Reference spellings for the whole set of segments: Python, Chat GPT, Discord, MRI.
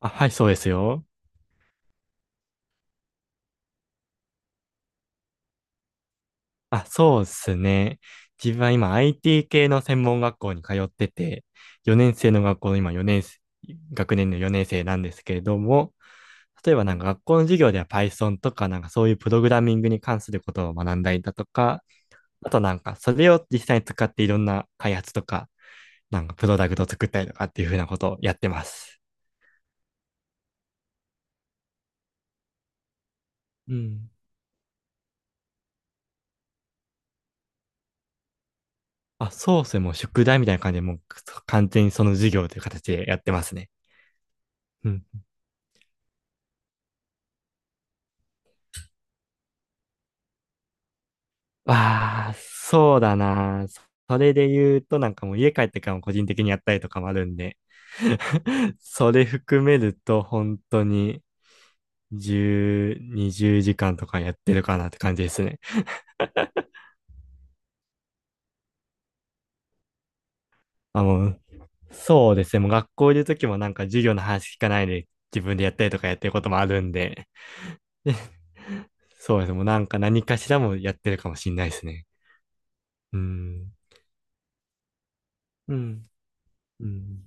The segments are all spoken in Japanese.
あ、はい、そうですよ。あ、そうですね。自分は今 IT 系の専門学校に通ってて、4年生の学校の今4年生、学年の4年生なんですけれども、例えばなんか学校の授業では Python とかなんかそういうプログラミングに関することを学んだりだとか、あとなんかそれを実際に使っていろんな開発とか、なんかプロダクトを作ったりとかっていうふうなことをやってます。うん。あ、そうですね。もう宿題みたいな感じで、もう完全にその授業という形でやってますね。うん。わあ、そうだな。それで言うと、なんかもう家帰ってからも個人的にやったりとかもあるんで、それ含めると本当に10、20時間とかやってるかなって感じですね。まあ、もう、そうですね。もう学校いる時もなんか授業の話聞かないで自分でやったりとかやってることもあるんで、そうですね。もうなんか何かしらもやってるかもしんないですね。うん。うん。うん。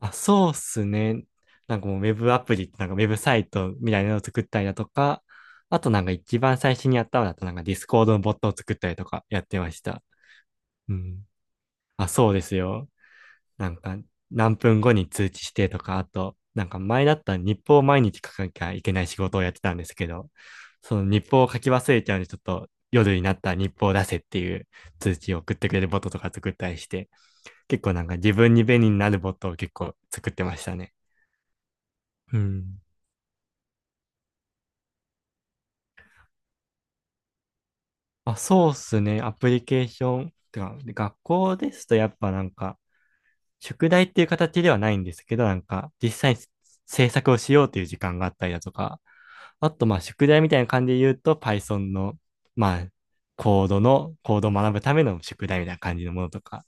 あ、そうっすね。なんかもうウェブアプリってなんかウェブサイトみたいなのを作ったりだとか、あとなんか一番最初にやったのだとなんかディスコードのボットを作ったりとかやってました。うん。あ、そうですよ。なんか何分後に通知してとか、あとなんか前だったら日報を毎日書かなきゃいけない仕事をやってたんですけど、その日報を書き忘れちゃうんでちょっと夜になったら日報を出せっていう通知を送ってくれるボットとか作ったりして、結構なんか自分に便利になるボットを結構作ってましたね。うん。まあ、そうっすね。アプリケーション。てか、で学校ですとやっぱなんか、宿題っていう形ではないんですけど、なんか、実際に制作をしようという時間があったりだとか、あとまあ、宿題みたいな感じで言うと、Python の、まあ、コードを学ぶための宿題みたいな感じのものとか、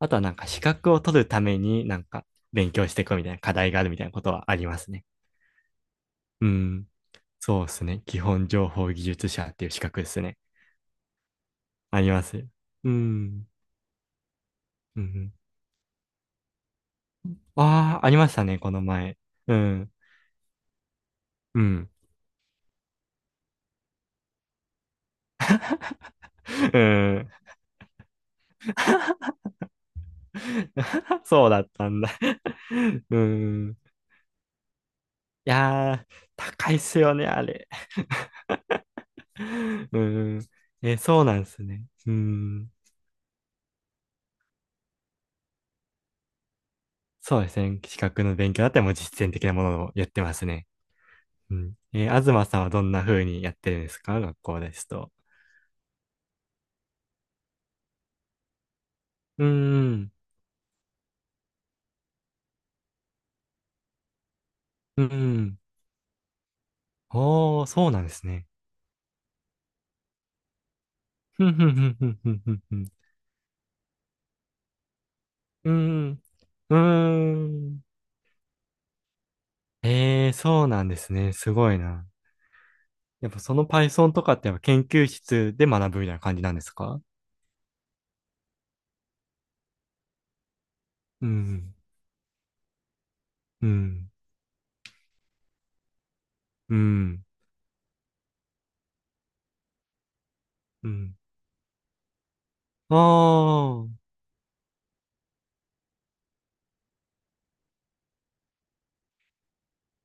あとはなんか、資格を取るためになんか、勉強していこうみたいな課題があるみたいなことはありますね。うん。そうですね。基本情報技術者っていう資格ですね。あります。うん。うんうん。ああ、ありましたね、この前。うん。うん。うん。そうだったんだ。うん。いやー、高いっすよね、あれ。うん。え、そうなんですね。うん。そうですね。資格の勉強だったらもう実践的なものをやってますね。うん。東さんはどんな風にやってるんですか、学校ですと？うん。うん。おー、そうなんですね。ふんふんふんふんふんふんふん。うん。うーん。ええ、そうなんですね。すごいな。やっぱその Python とかってやっぱ研究室で学ぶみたいな感じなんですか？うん、うん、うん、うん。ああ、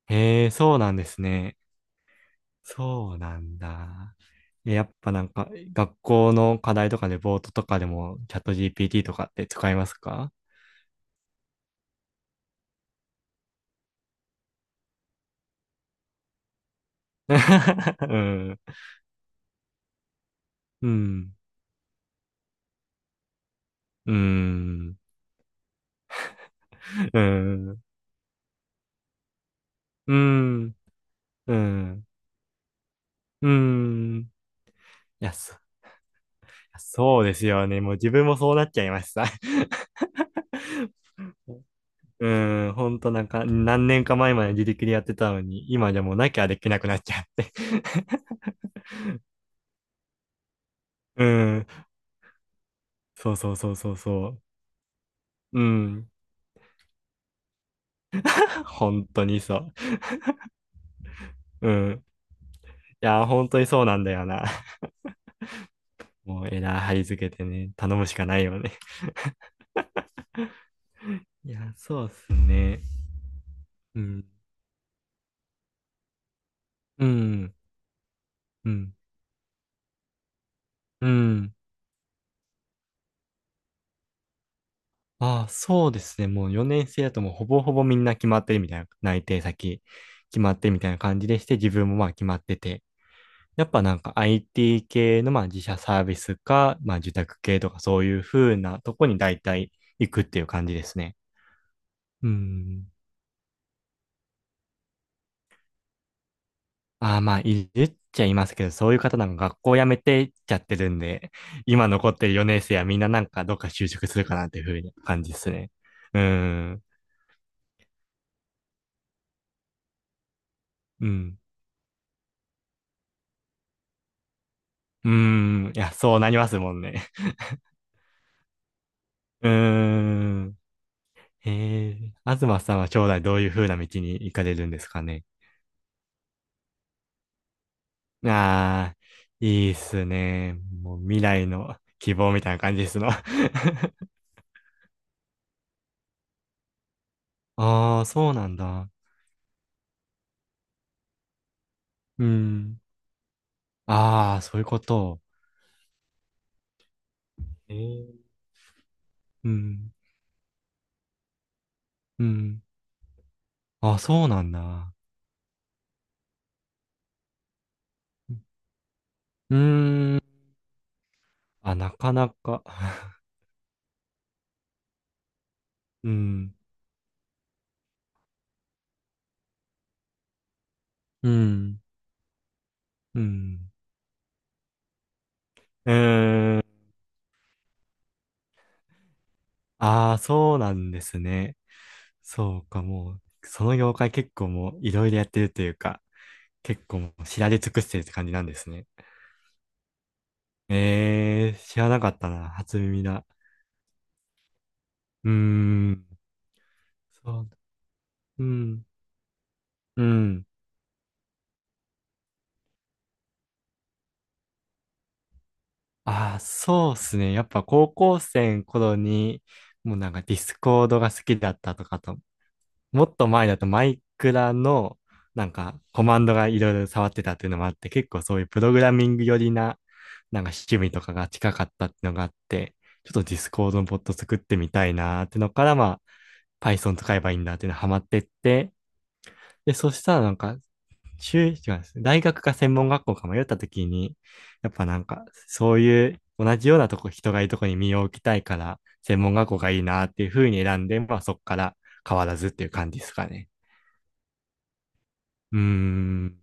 ええ、そうなんですね。そうなんだ。やっぱなんか学校の課題とかでボートとかでもチャット GPT とかって使いますか？ うん、うん、うん、うん、うん、うん。うん。いや、そうですよね。もう自分もそうなっちゃいました。うん、ほんとなんか、何年か前まで自力でやってたのに、今じゃもうなきゃできなくなっちゃって。うん、そうそうそうそうそう。うん、本当にそう。うん。いや、本当にそうなんだよな。もうエラー貼り付けてね、頼むしかないよね。いや、そうっすね。うん、うん、うん、うん。ああ、そうですね。もう4年生だともうほぼほぼみんな決まってるみたいな、内定先決まってるみたいな感じでして、自分もまあ決まってて、やっぱなんか IT 系のまあ自社サービスか、まあ受託系とかそういう風なとこに大体行くっていう感じですね。うん。ああ、まあ、いるっちゃいますけど、そういう方なんか学校辞めてっちゃってるんで、今残ってる4年生はみんななんかどっか就職するかなっていう風な感じですね。うん。うん。うん。いや、そうなりますもんね。うーん。ええ。東さんは将来どういう風な道に行かれるんですかね。ああ、いいっすね。もう未来の希望みたいな感じですの。ああ、そうなんだ。うん。ああ、そういうこと。えー、うん。うん。あ、そうなんだ。うーん。あ、なかなか うん。うん。うん。うーん。ああ、そうなんですね。そうか、もう、その業界結構もういろいろやってるというか、結構もう知られ尽くしてるって感じなんですね。えー、知らなかったな、初耳だ。うーん、そう、うん、うん。ああ、そうっすね。やっぱ高校生の頃に、もうなんかディスコードが好きだったとかと、もっと前だとマイクラのなんかコマンドがいろいろ触ってたっていうのもあって、結構そういうプログラミング寄りななんか趣味とかが近かったっていうのがあって、ちょっとディスコードのボット作ってみたいなーってのから、まあ Python 使えばいいんだっていうのハマってって、で、そしたらなんか、違うんですね大学か専門学校か迷った時に、やっぱなんかそういう同じようなとこ、人がいるとこに身を置きたいから、専門学校がいいなっていうふうに選んで、まあそっから変わらずっていう感じですかね。うーん、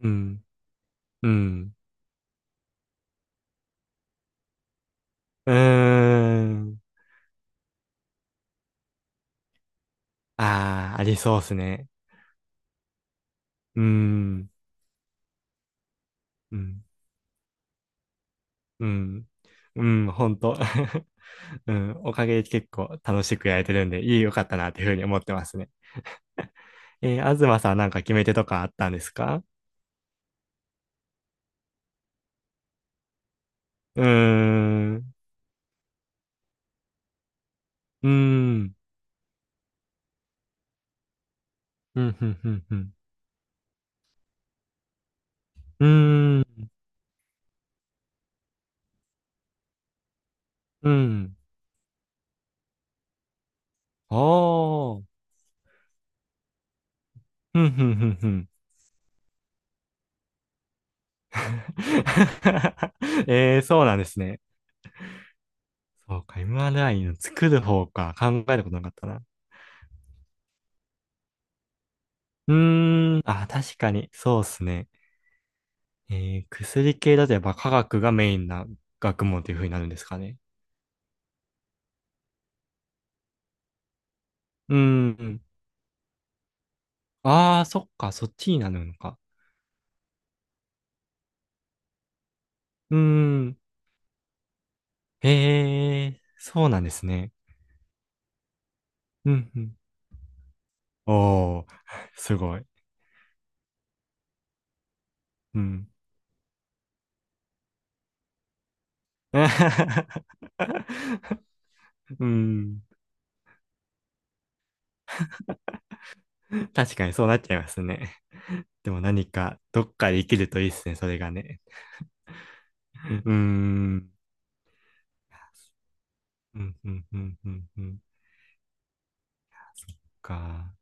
うん、うん、うーん。ああ、ありそうっすね。うーん、うん、うん、うん、ほんと。うん、おかげで結構楽しくやれてるんで、いい、よかったなっていうふうに思ってますね。東さんはなんか決め手とかあったんですか？うーん、うーん、うん、ふんふんふん、うーん、うん、おー、ふんふんふんふん。えー、そうなんですね。そうか、MRI の作る方か、考えることなかったな。うーん、あ、確かに、そうっすね。薬系だとやっぱ科学がメインな学問というふうになるんですかね。うーん、ああ、そっか、そっちになるのか。うーん、へえ、そうなんですね。うん、うん。おー、すごい。うん。うん、確かにそうなっちゃいますね。でも何か、どっかで生きるといいっすね、それがね。うーん。うん、うん、うん、うん、うん。か。